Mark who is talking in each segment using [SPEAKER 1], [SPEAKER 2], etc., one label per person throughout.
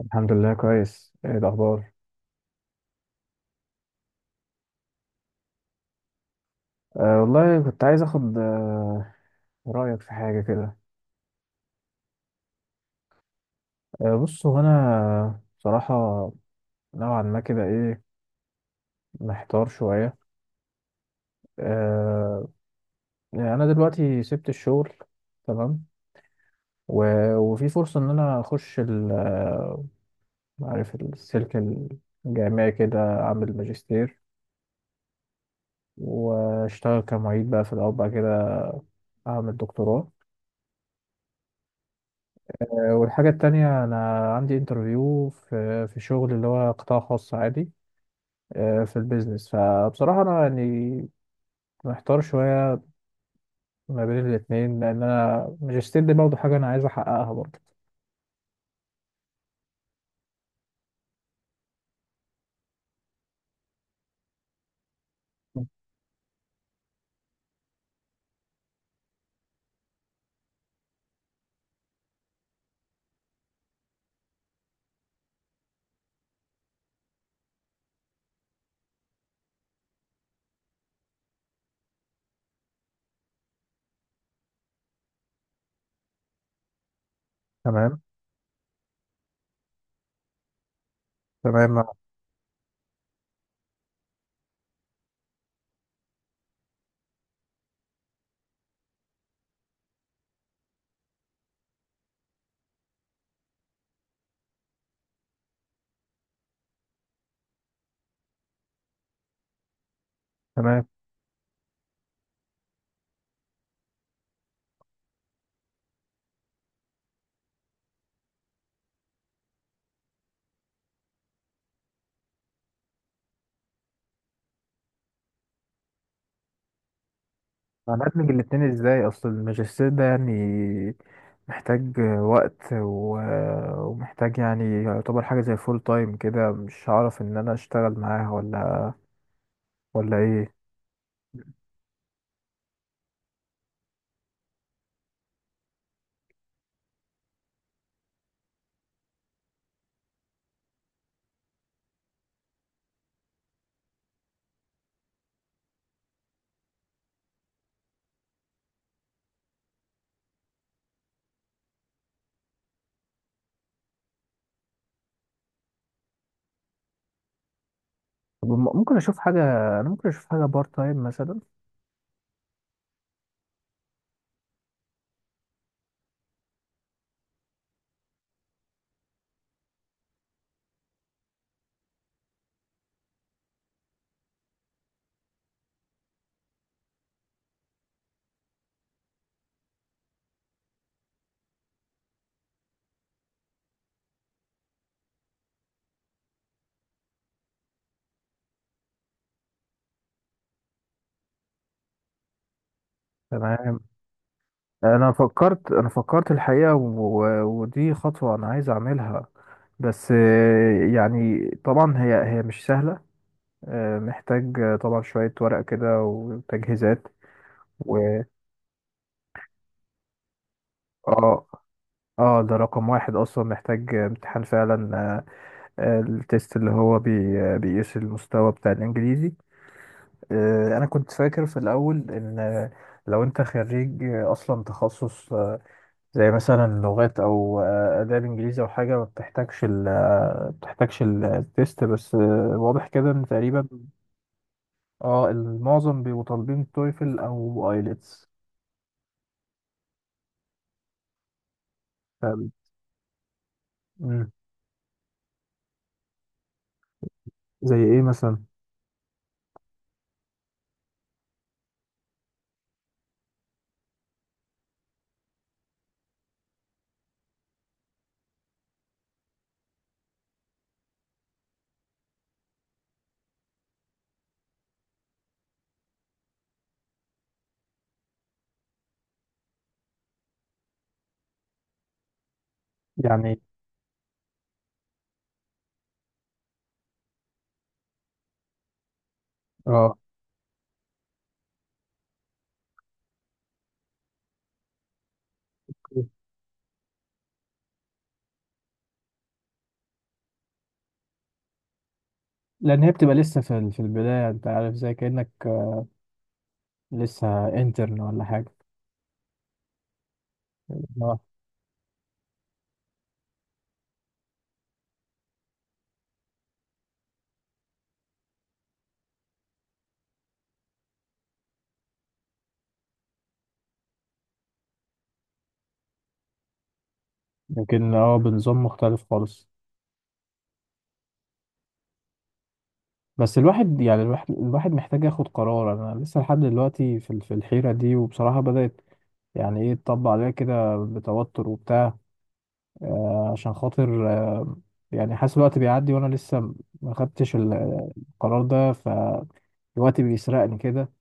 [SPEAKER 1] الحمد لله كويس. ايه الاخبار؟ والله كنت عايز اخد رايك في حاجه كده. بص، هو انا بصراحه نوعا ما كده، ايه، محتار شويه. أه يعني انا دلوقتي سبت الشغل، تمام، و- وفي فرصه ان انا اخش عارف، السلك الجامعي كده، اعمل ماجستير واشتغل كمعيد بقى في الاول، بعد كده اعمل دكتوراه. والحاجة التانية، أنا عندي انترفيو في شغل اللي هو قطاع خاص عادي، في البيزنس. فبصراحة أنا يعني محتار شوية ما بين الاتنين، لأن أنا ماجستير دي برضه حاجة أنا عايز أحققها برضه. تمام، تمام، تمام. هندمج الاتنين إزاي؟ أصل الماجستير ده يعني محتاج وقت و- ومحتاج، يعني يعتبر حاجة زي فول تايم كده، مش هعرف إن أنا أشتغل معاها ولا إيه. طب، ممكن أشوف حاجة، أنا ممكن أشوف حاجة بارت تايم مثلا. تمام. انا فكرت الحقيقه و- ودي خطوه انا عايز اعملها. بس يعني طبعا هي مش سهله، محتاج، طبعا، شويه ورق كده وتجهيزات. و اه، اه ده رقم واحد، اصلا محتاج امتحان فعلا. التيست اللي هو بي... آه، بيقيس المستوى بتاع الانجليزي. انا كنت فاكر في الاول ان لو انت خريج اصلا تخصص زي مثلا لغات او اداب انجليزي او حاجه، ما بتحتاجش ال آه، بتحتاجش ال- التيست، بس واضح كده ان تقريبا اه المعظم بيبقوا طالبين تويفل او ايلتس. زي ايه مثلا؟ يعني اه، لان هي بتبقى لسه في البدايه، انت عارف، زي كانك لسه انترن ولا حاجه. اه لكن اه بنظام مختلف خالص. بس الواحد يعني، الواحد محتاج ياخد قرار. انا لسه لحد دلوقتي في الحيره دي، وبصراحه بدات يعني ايه تطبق عليها كده بتوتر وبتاع. عشان خاطر يعني حاسس الوقت بيعدي وانا لسه ما خدتش القرار ده، فالوقت بيسرقني كده.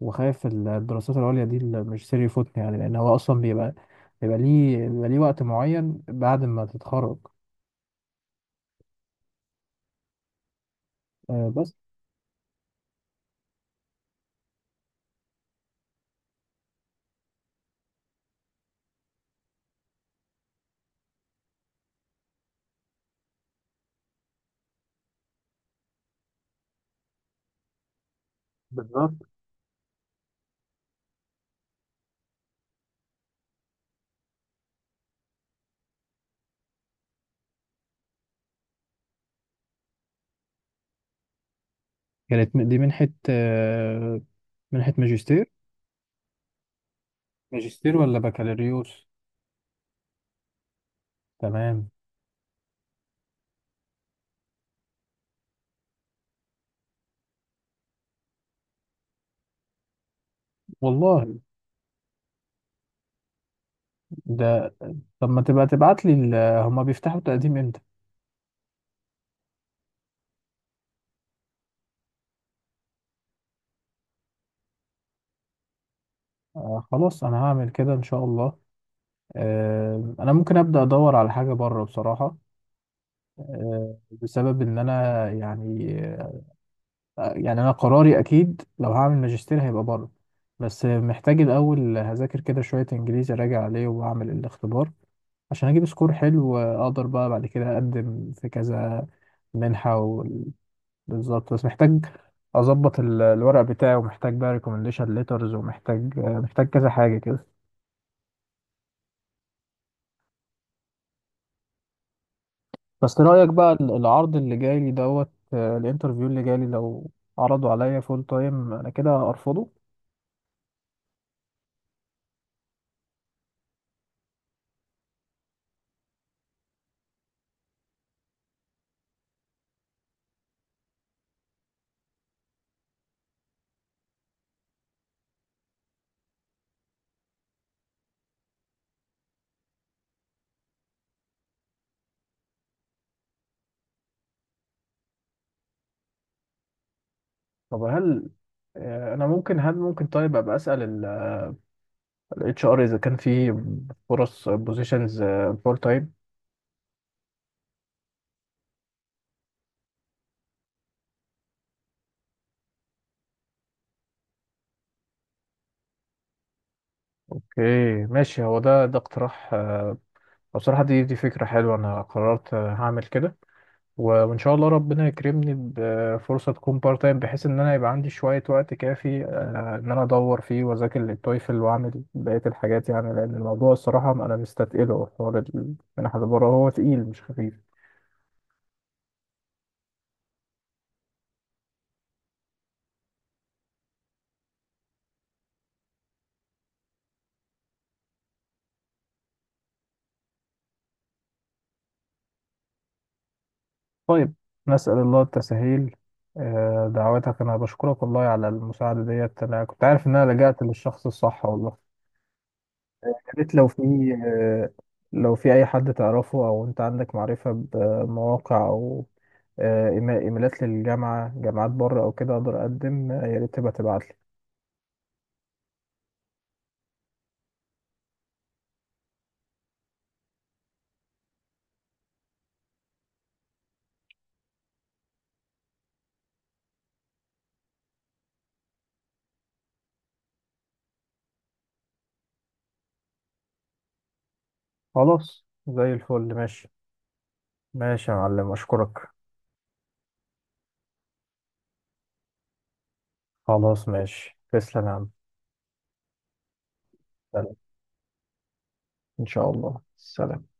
[SPEAKER 1] وخايف الدراسات العليا دي، الماجستير، يفوتني، يعني لان هو اصلا بيبقى، بيبقى ليه وقت معين بعد ما تتخرج. بس بالظبط. كانت دي منحة منحة ماجستير؟ ماجستير ولا بكالوريوس؟ تمام. والله. ده، طب ما تبقى تبعت لي. هما بيفتحوا التقديم امتى؟ خلاص انا هعمل كده ان شاء الله. انا ممكن ابدا ادور على حاجه بره بصراحه، بسبب ان انا يعني، يعني انا قراري اكيد لو هعمل ماجستير هيبقى بره. بس محتاج الاول هذاكر كده شويه انجليزي، راجع عليه واعمل الاختبار عشان اجيب سكور حلو، اقدر بقى بعد كده اقدم في كذا منحه بالظبط. بس محتاج اظبط الورق بتاعي، ومحتاج بقى ريكومنديشن ليترز، ومحتاج محتاج كذا حاجه كده. بس رأيك بقى، العرض اللي جاي لي دوت الانترفيو اللي جاي لي، لو عرضوا عليا فول تايم انا كده ارفضه؟ طب هل انا ممكن، هل ممكن طيب ابقى اسال الاتش ار اذا كان في فرص بوزيشنز فول تايم؟ اوكي، ماشي. هو ده، ده اقتراح بصراحة. دي فكرة حلوة، انا قررت هعمل كده. و- وان شاء الله ربنا يكرمني بفرصه تكون بارت تايم، بحيث ان انا يبقى عندي شويه وقت كافي ان انا ادور فيه واذاكر للتويفل واعمل بقيه الحاجات، يعني لان الموضوع الصراحه انا مستتقله، حوار المنح اللي بره هو تقيل مش خفيف. طيب، نسال الله التسهيل. دعواتك. انا بشكرك والله على المساعده ديت، انا كنت عارف ان انا لجأت للشخص الصح والله. ريت لو في آه، لو في أي حد تعرفه، أو أنت عندك معرفة بمواقع أو إيميلات للجامعة، جامعات بره أو كده أقدر أقدم، يا ريت تبقى تبعتلي. خلاص زي الفل، ماشي. ماشي يا معلم، أشكرك. خلاص ماشي، تسلم يا عم. سلام. إن شاء الله، سلام